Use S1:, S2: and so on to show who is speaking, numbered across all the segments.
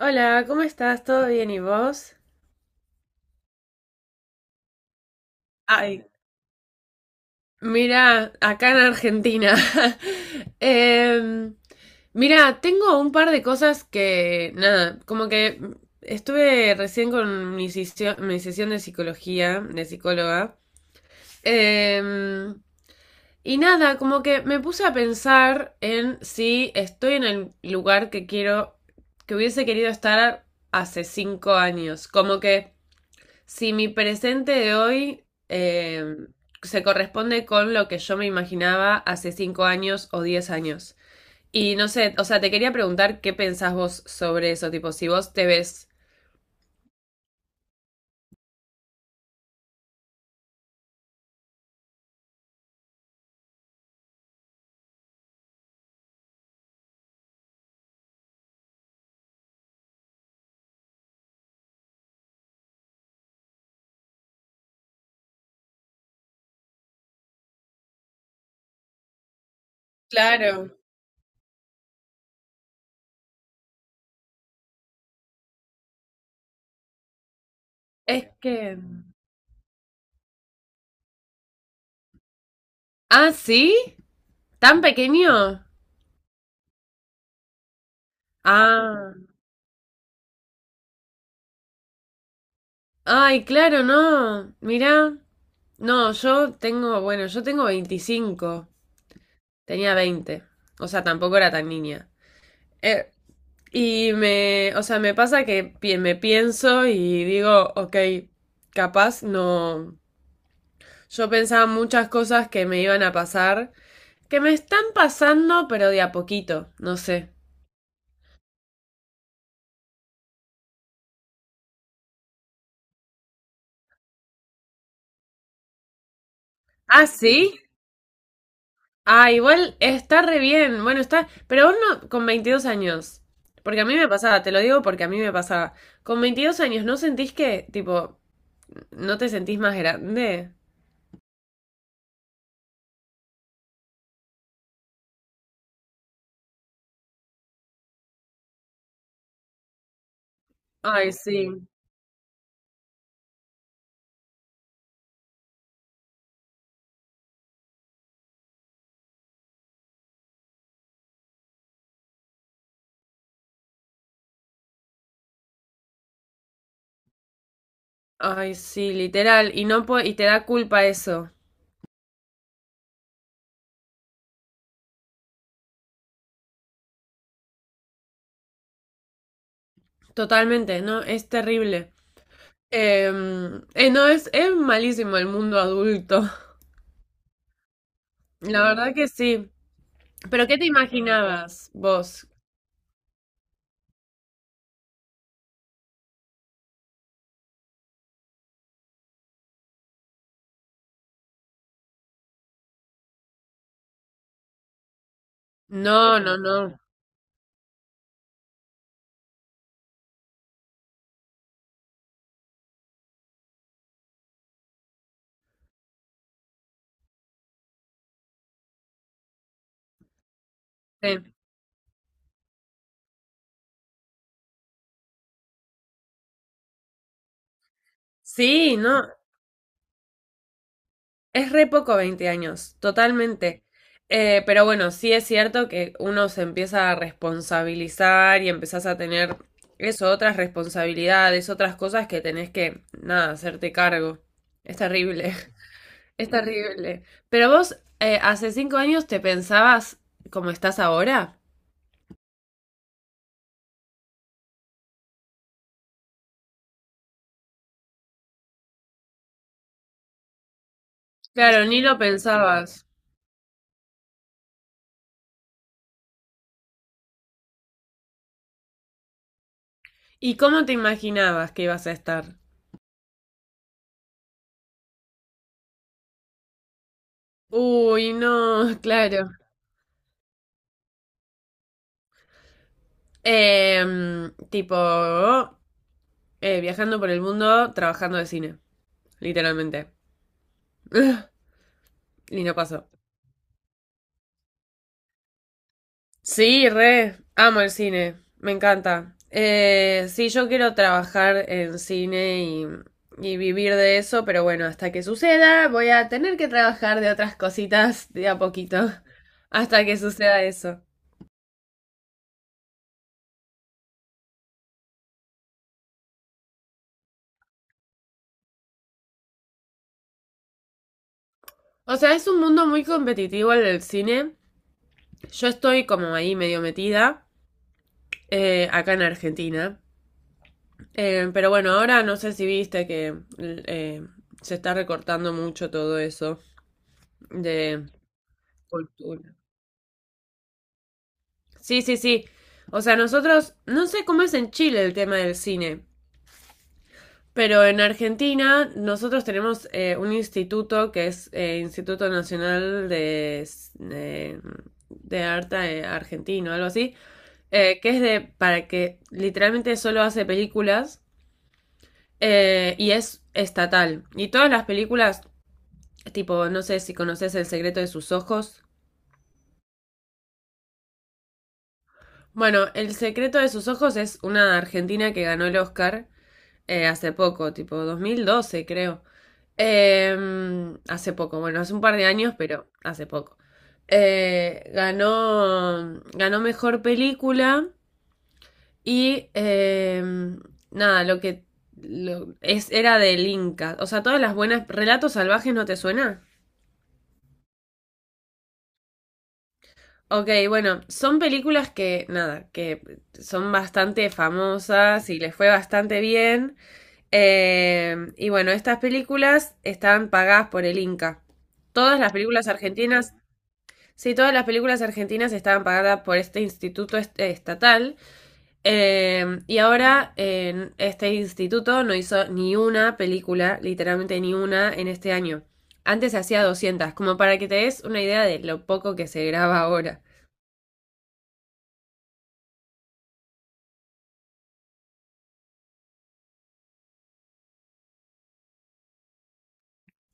S1: Hola, ¿cómo estás? ¿Todo bien y vos? Ay, mira, acá en Argentina. Em, mira, tengo un par de cosas que, nada, como que estuve recién con mi sesión de psicología, de psicóloga. Em, y nada, como que me puse a pensar en si estoy en el lugar que quiero, que hubiese querido estar hace 5 años. Si mi presente de hoy se corresponde con lo que yo me imaginaba hace 5 años o 10 años. Y no sé, o sea, te quería preguntar qué pensás vos sobre eso, tipo, si vos te ves. Claro. Es que. Ah, ¿sí? ¿Tan pequeño? Ah. Ay, claro, no. Mirá. No, yo tengo, bueno, yo tengo 25. Tenía 20. O sea, tampoco era tan niña. Y me, o sea, me pasa que me pienso y digo, ok, capaz no. Yo pensaba muchas cosas que me iban a pasar, que me están pasando, pero de a poquito, no sé. Ah, sí. Ah, igual está re bien. Bueno, está, pero vos no, con 22 años. Porque a mí me pasaba, te lo digo porque a mí me pasaba. Con 22 años, ¿no sentís que, tipo, no te sentís más grande? Ay, sí. Ay, sí, literal. Y no po- y te da culpa eso. Totalmente, no, es terrible. Eh, no, es malísimo el mundo adulto. La verdad que sí. ¿Pero qué te imaginabas vos? No, no, no. Sí, Sí, no, es re poco 20 años, totalmente. Pero bueno, sí es cierto que uno se empieza a responsabilizar y empezás a tener eso, otras responsabilidades, otras cosas que tenés que, nada, hacerte cargo. Es terrible. Es terrible. Pero vos, hace 5 años te pensabas como estás ahora. Claro, ni lo pensabas. ¿Y cómo te imaginabas que ibas a estar? Uy, no, claro. Tipo, viajando por el mundo, trabajando de cine, literalmente. Y no pasó. Sí, re, amo el cine, me encanta. Sí, yo quiero trabajar en cine y vivir de eso, pero bueno, hasta que suceda, voy a tener que trabajar de otras cositas de a poquito, hasta que suceda eso. O sea, es un mundo muy competitivo el del cine. Yo estoy como ahí medio metida, acá en Argentina. Pero bueno, ahora no sé si viste que se está recortando mucho todo eso de cultura. Sí, sí, sí. O sea, nosotros, no sé cómo es en Chile el tema del cine, pero en Argentina nosotros tenemos un instituto que es Instituto Nacional de, de Arte Argentino, algo así, que es de, para que literalmente solo hace películas y es estatal. Y todas las películas, tipo, no sé si conoces El secreto de sus ojos. Bueno, El secreto de sus ojos es una argentina que ganó el Oscar. Hace poco, tipo 2012 creo. Hace poco, bueno, hace un par de años, pero hace poco. Ganó mejor película y nada, lo que era del Inca. O sea, todas las buenas... ¿Relatos salvajes no te suena? Ok, bueno, son películas que, nada, que son bastante famosas y les fue bastante bien. Y bueno, estas películas están pagadas por el Inca. Todas las películas argentinas, sí, todas las películas argentinas estaban pagadas por este instituto estatal. Y ahora este instituto no hizo ni una película, literalmente ni una, en este año. Antes hacía 200, como para que te des una idea de lo poco que se graba ahora.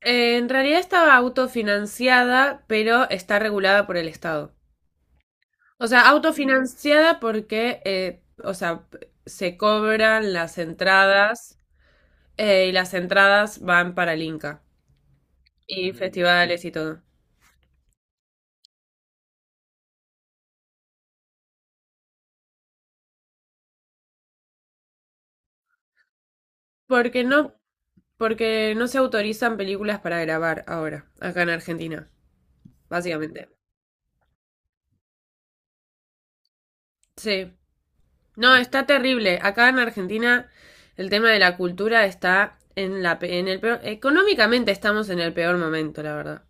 S1: En realidad estaba autofinanciada, pero está regulada por el Estado. O sea, autofinanciada porque, o sea, se cobran las entradas y las entradas van para el Inca y festivales y todo. Porque no, porque no se autorizan películas para grabar ahora, acá en Argentina, básicamente. Sí. No, está terrible. Acá en Argentina el tema de la cultura está en el peor, económicamente estamos en el peor momento, la verdad.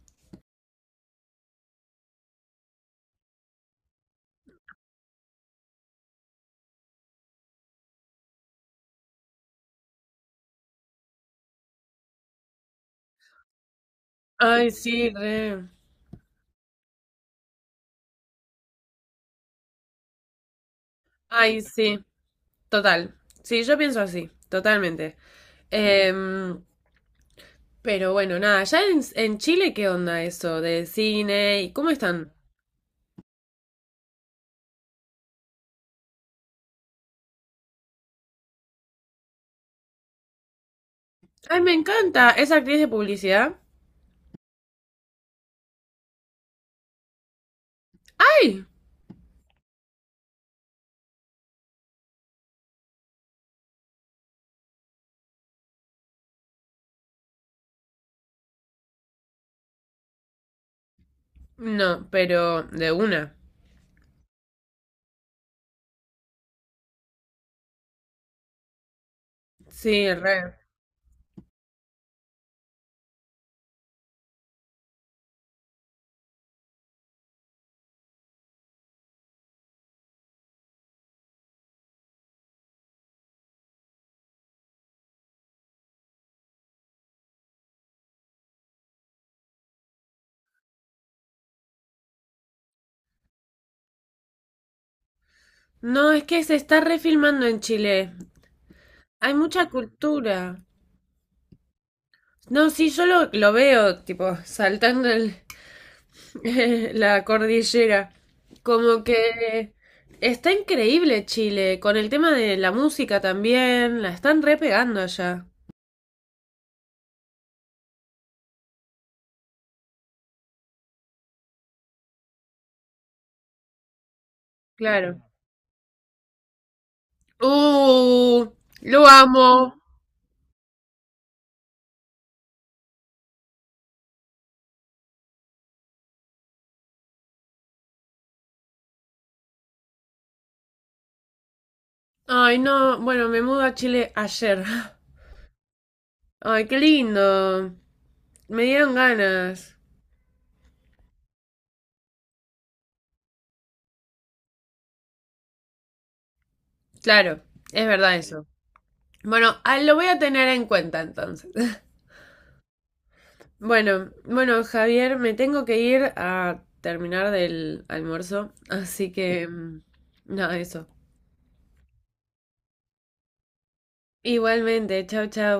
S1: Ay, sí, re. Ay, sí. Total. Sí, yo pienso así, totalmente. Em, pero bueno, nada, ¿ya en Chile qué onda eso de cine y cómo están? Ay, me encanta. ¿Es actriz de publicidad? ¡Ay! No, pero de una. Sí, re. No, es que se está refilmando en Chile. Hay mucha cultura. No, sí, yo lo veo, tipo, saltando el, la cordillera. Como que está increíble Chile, con el tema de la música también, la están repegando allá. Claro. Uh, lo amo. Ay, no, bueno, me mudo a Chile ayer. Ay, qué lindo. Me dieron ganas. Claro, es verdad eso. Bueno, ah, lo voy a tener en cuenta entonces. Bueno, bueno, Javier, me tengo que ir a terminar del almuerzo, así que nada, eso. Igualmente, chao, chao.